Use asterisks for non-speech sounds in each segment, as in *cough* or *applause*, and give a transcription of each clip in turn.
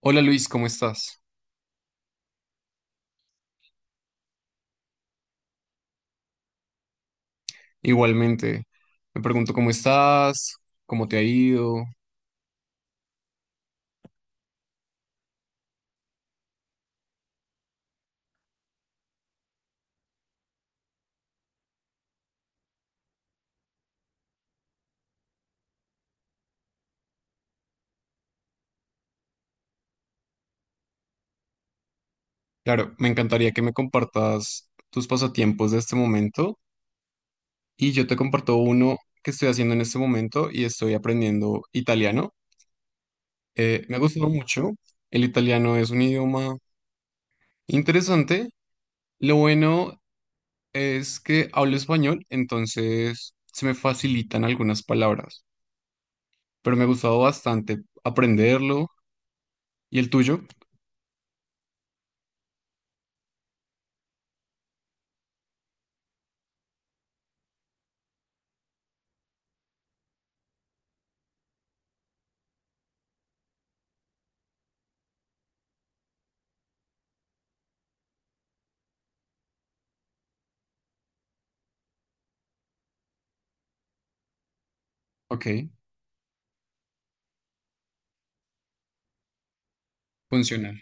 Hola Luis, ¿cómo estás? Igualmente, me pregunto cómo estás, cómo te ha ido. Claro, me encantaría que me compartas tus pasatiempos de este momento y yo te comparto uno que estoy haciendo en este momento y estoy aprendiendo italiano. Me ha gustado mucho, el italiano es un idioma interesante. Lo bueno es que hablo español, entonces se me facilitan algunas palabras, pero me ha gustado bastante aprenderlo. ¿Y el tuyo? Ok, funciona.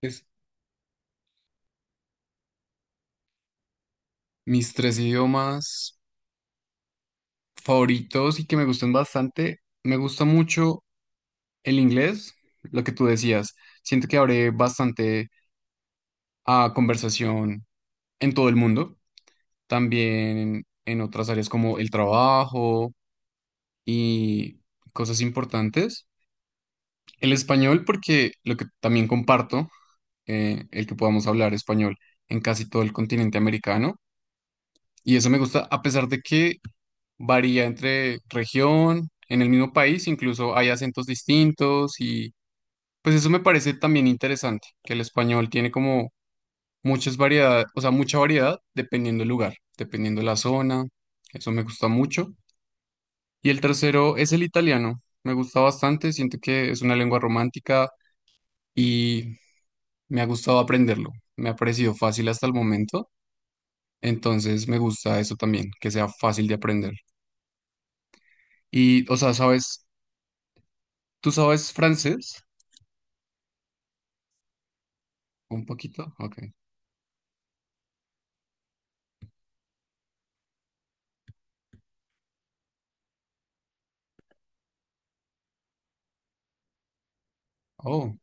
Pues, mis tres idiomas favoritos y que me gustan bastante, me gusta mucho el inglés, lo que tú decías. Siento que abre bastante a conversación en todo el mundo, también en otras áreas como el trabajo y cosas importantes. El español, porque lo que también comparto, el que podamos hablar español en casi todo el continente americano. Y eso me gusta, a pesar de que varía entre región, en el mismo país, incluso hay acentos distintos y pues eso me parece también interesante, que el español tiene como muchas variedades, o sea, mucha variedad dependiendo del lugar, dependiendo de la zona, eso me gusta mucho. Y el tercero es el italiano, me gusta bastante, siento que es una lengua romántica y me ha gustado aprenderlo, me ha parecido fácil hasta el momento, entonces me gusta eso también, que sea fácil de aprender. Y, o sea, ¿sabes? ¿Tú sabes francés? Un poquito, ok. Oh,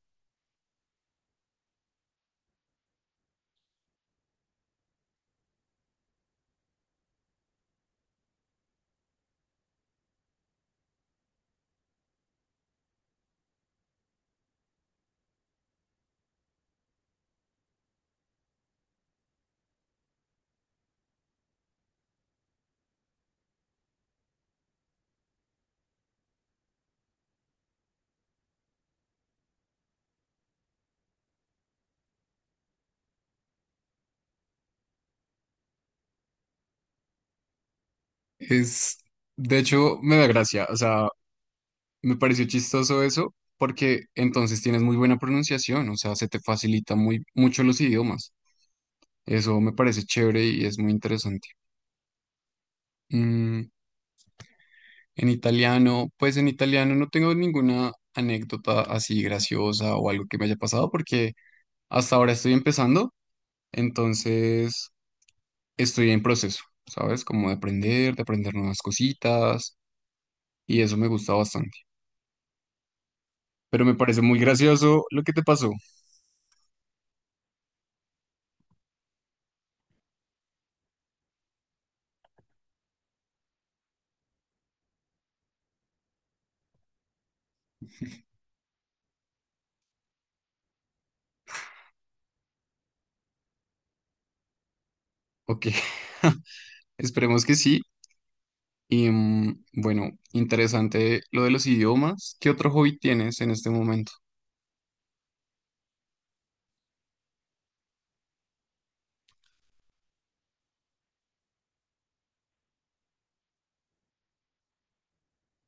es, de hecho, me da gracia, o sea, me pareció chistoso eso, porque entonces tienes muy buena pronunciación, o sea, se te facilita muy, mucho los idiomas. Eso me parece chévere y es muy interesante. Mm, en italiano, pues en italiano no tengo ninguna anécdota así graciosa o algo que me haya pasado, porque hasta ahora estoy empezando, entonces estoy en proceso, ¿sabes? Como de aprender nuevas cositas y eso me gusta bastante. Pero me parece muy gracioso lo que te pasó. Ok, *laughs* esperemos que sí. Y mm, bueno, interesante lo de los idiomas. ¿Qué otro hobby tienes en este momento?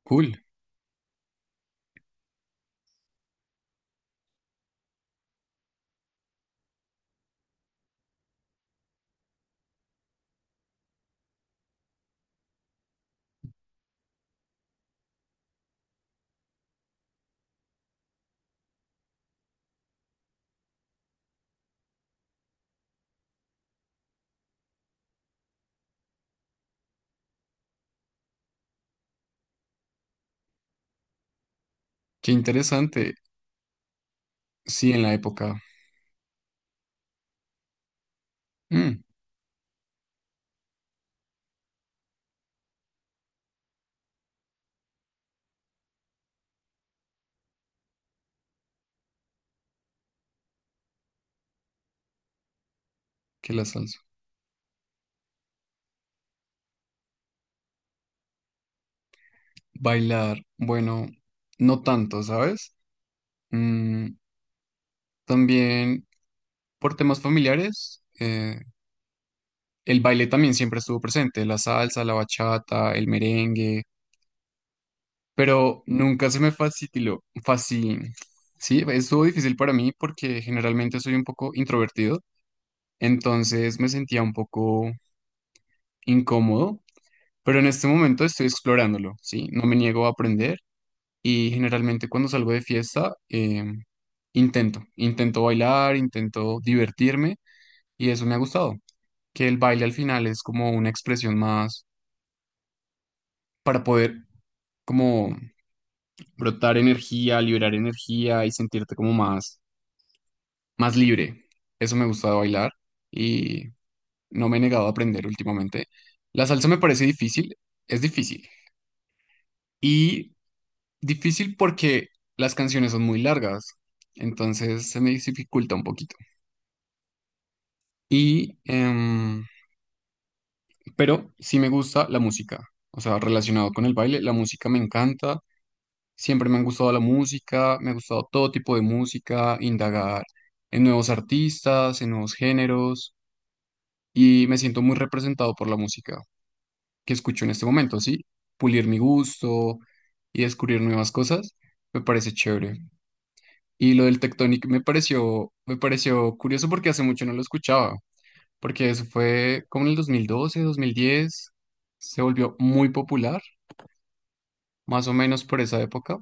Cool, qué interesante. Sí, en la época. Mm, que la salsa. Bailar, bueno, no tanto, ¿sabes? Mm, también por temas familiares, el baile también siempre estuvo presente, la salsa, la bachata, el merengue pero nunca se me facilitó, fácil, sí, estuvo difícil para mí porque generalmente soy un poco introvertido, entonces me sentía un poco incómodo, pero en este momento estoy explorándolo, sí, no me niego a aprender y generalmente cuando salgo de fiesta intento bailar, intento divertirme y eso me ha gustado, que el baile al final es como una expresión más para poder como brotar energía, liberar energía y sentirte como más más libre. Eso me gusta de bailar y no me he negado a aprender últimamente. La salsa me parece difícil, es difícil. Y difícil porque las canciones son muy largas, entonces se me dificulta un poquito. Y, pero sí me gusta la música, o sea, relacionado con el baile, la música me encanta. Siempre me han gustado la música, me ha gustado todo tipo de música, indagar en nuevos artistas, en nuevos géneros, y me siento muy representado por la música que escucho en este momento, ¿sí? Pulir mi gusto y descubrir nuevas cosas, me parece chévere. Y lo del Tectonic me pareció curioso porque hace mucho no lo escuchaba, porque eso fue como en el 2012, 2010, se volvió muy popular, más o menos por esa época.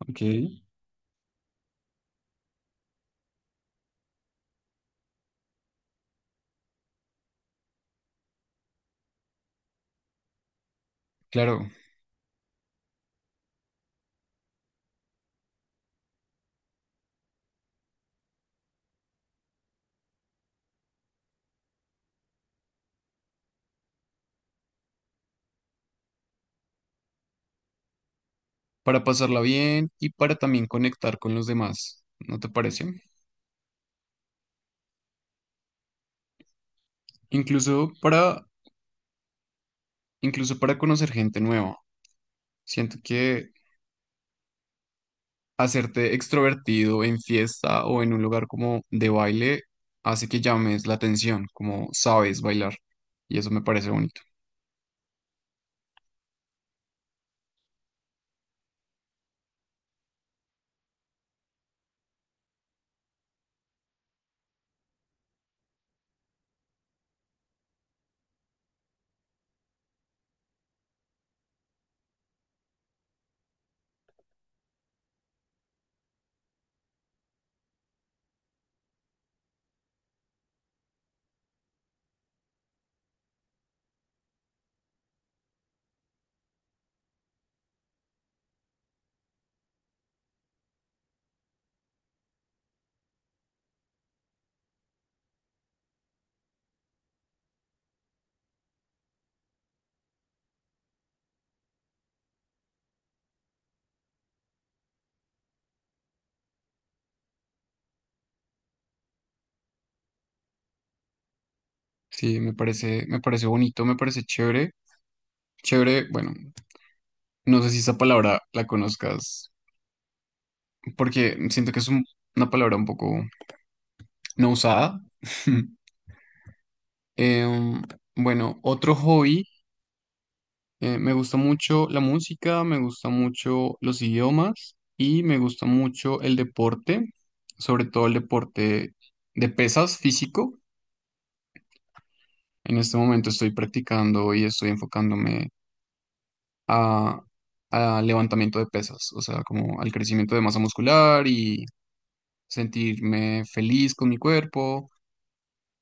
Ok. Claro, para pasarla bien y para también conectar con los demás, ¿no te parece? Incluso para, Incluso para conocer gente nueva. Siento que hacerte extrovertido en fiesta o en un lugar como de baile hace que llames la atención, como sabes bailar. Y eso me parece bonito. Sí, me parece bonito, me parece chévere. Chévere, bueno, no sé si esa palabra la conozcas, porque siento que es un- una palabra un poco no usada. *laughs* Em, bueno, otro hobby. Me gusta mucho la música, me gusta mucho los idiomas y me gusta mucho el deporte, sobre todo el deporte de pesas físico. En este momento estoy practicando y estoy enfocándome a, a levantamiento de pesas, o sea, como al crecimiento de masa muscular y sentirme feliz con mi cuerpo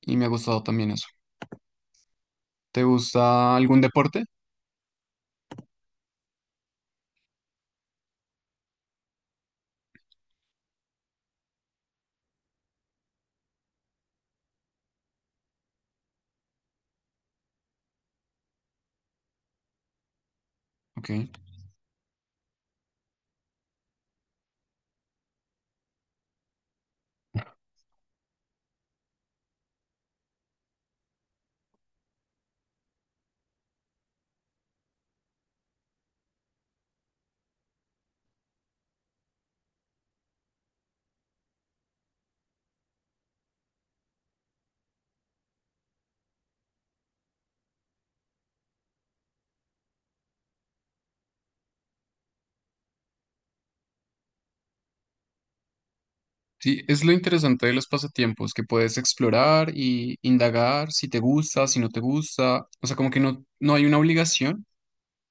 y me ha gustado también eso. ¿Te gusta algún deporte? Ok. Sí, es lo interesante de los pasatiempos, que puedes explorar y indagar si te gusta, si no te gusta, o sea, como que no, no hay una obligación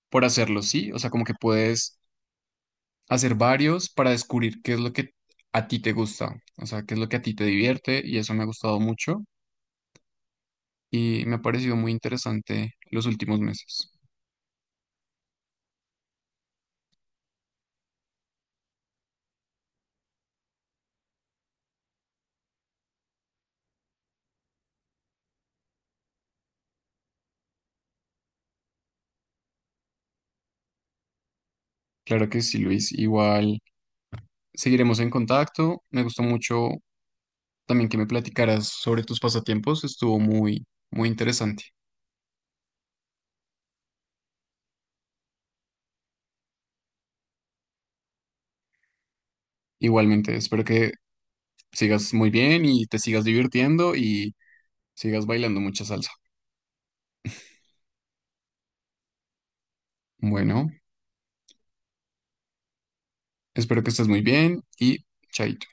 por hacerlo, ¿sí? O sea, como que puedes hacer varios para descubrir qué es lo que a ti te gusta, o sea, qué es lo que a ti te divierte y eso me ha gustado mucho y me ha parecido muy interesante los últimos meses. Claro que sí, Luis, igual seguiremos en contacto, me gustó mucho también que me platicaras sobre tus pasatiempos, estuvo muy, muy interesante. Igualmente, espero que sigas muy bien y te sigas divirtiendo y sigas bailando mucha salsa. Bueno, espero que estés muy bien y chaito.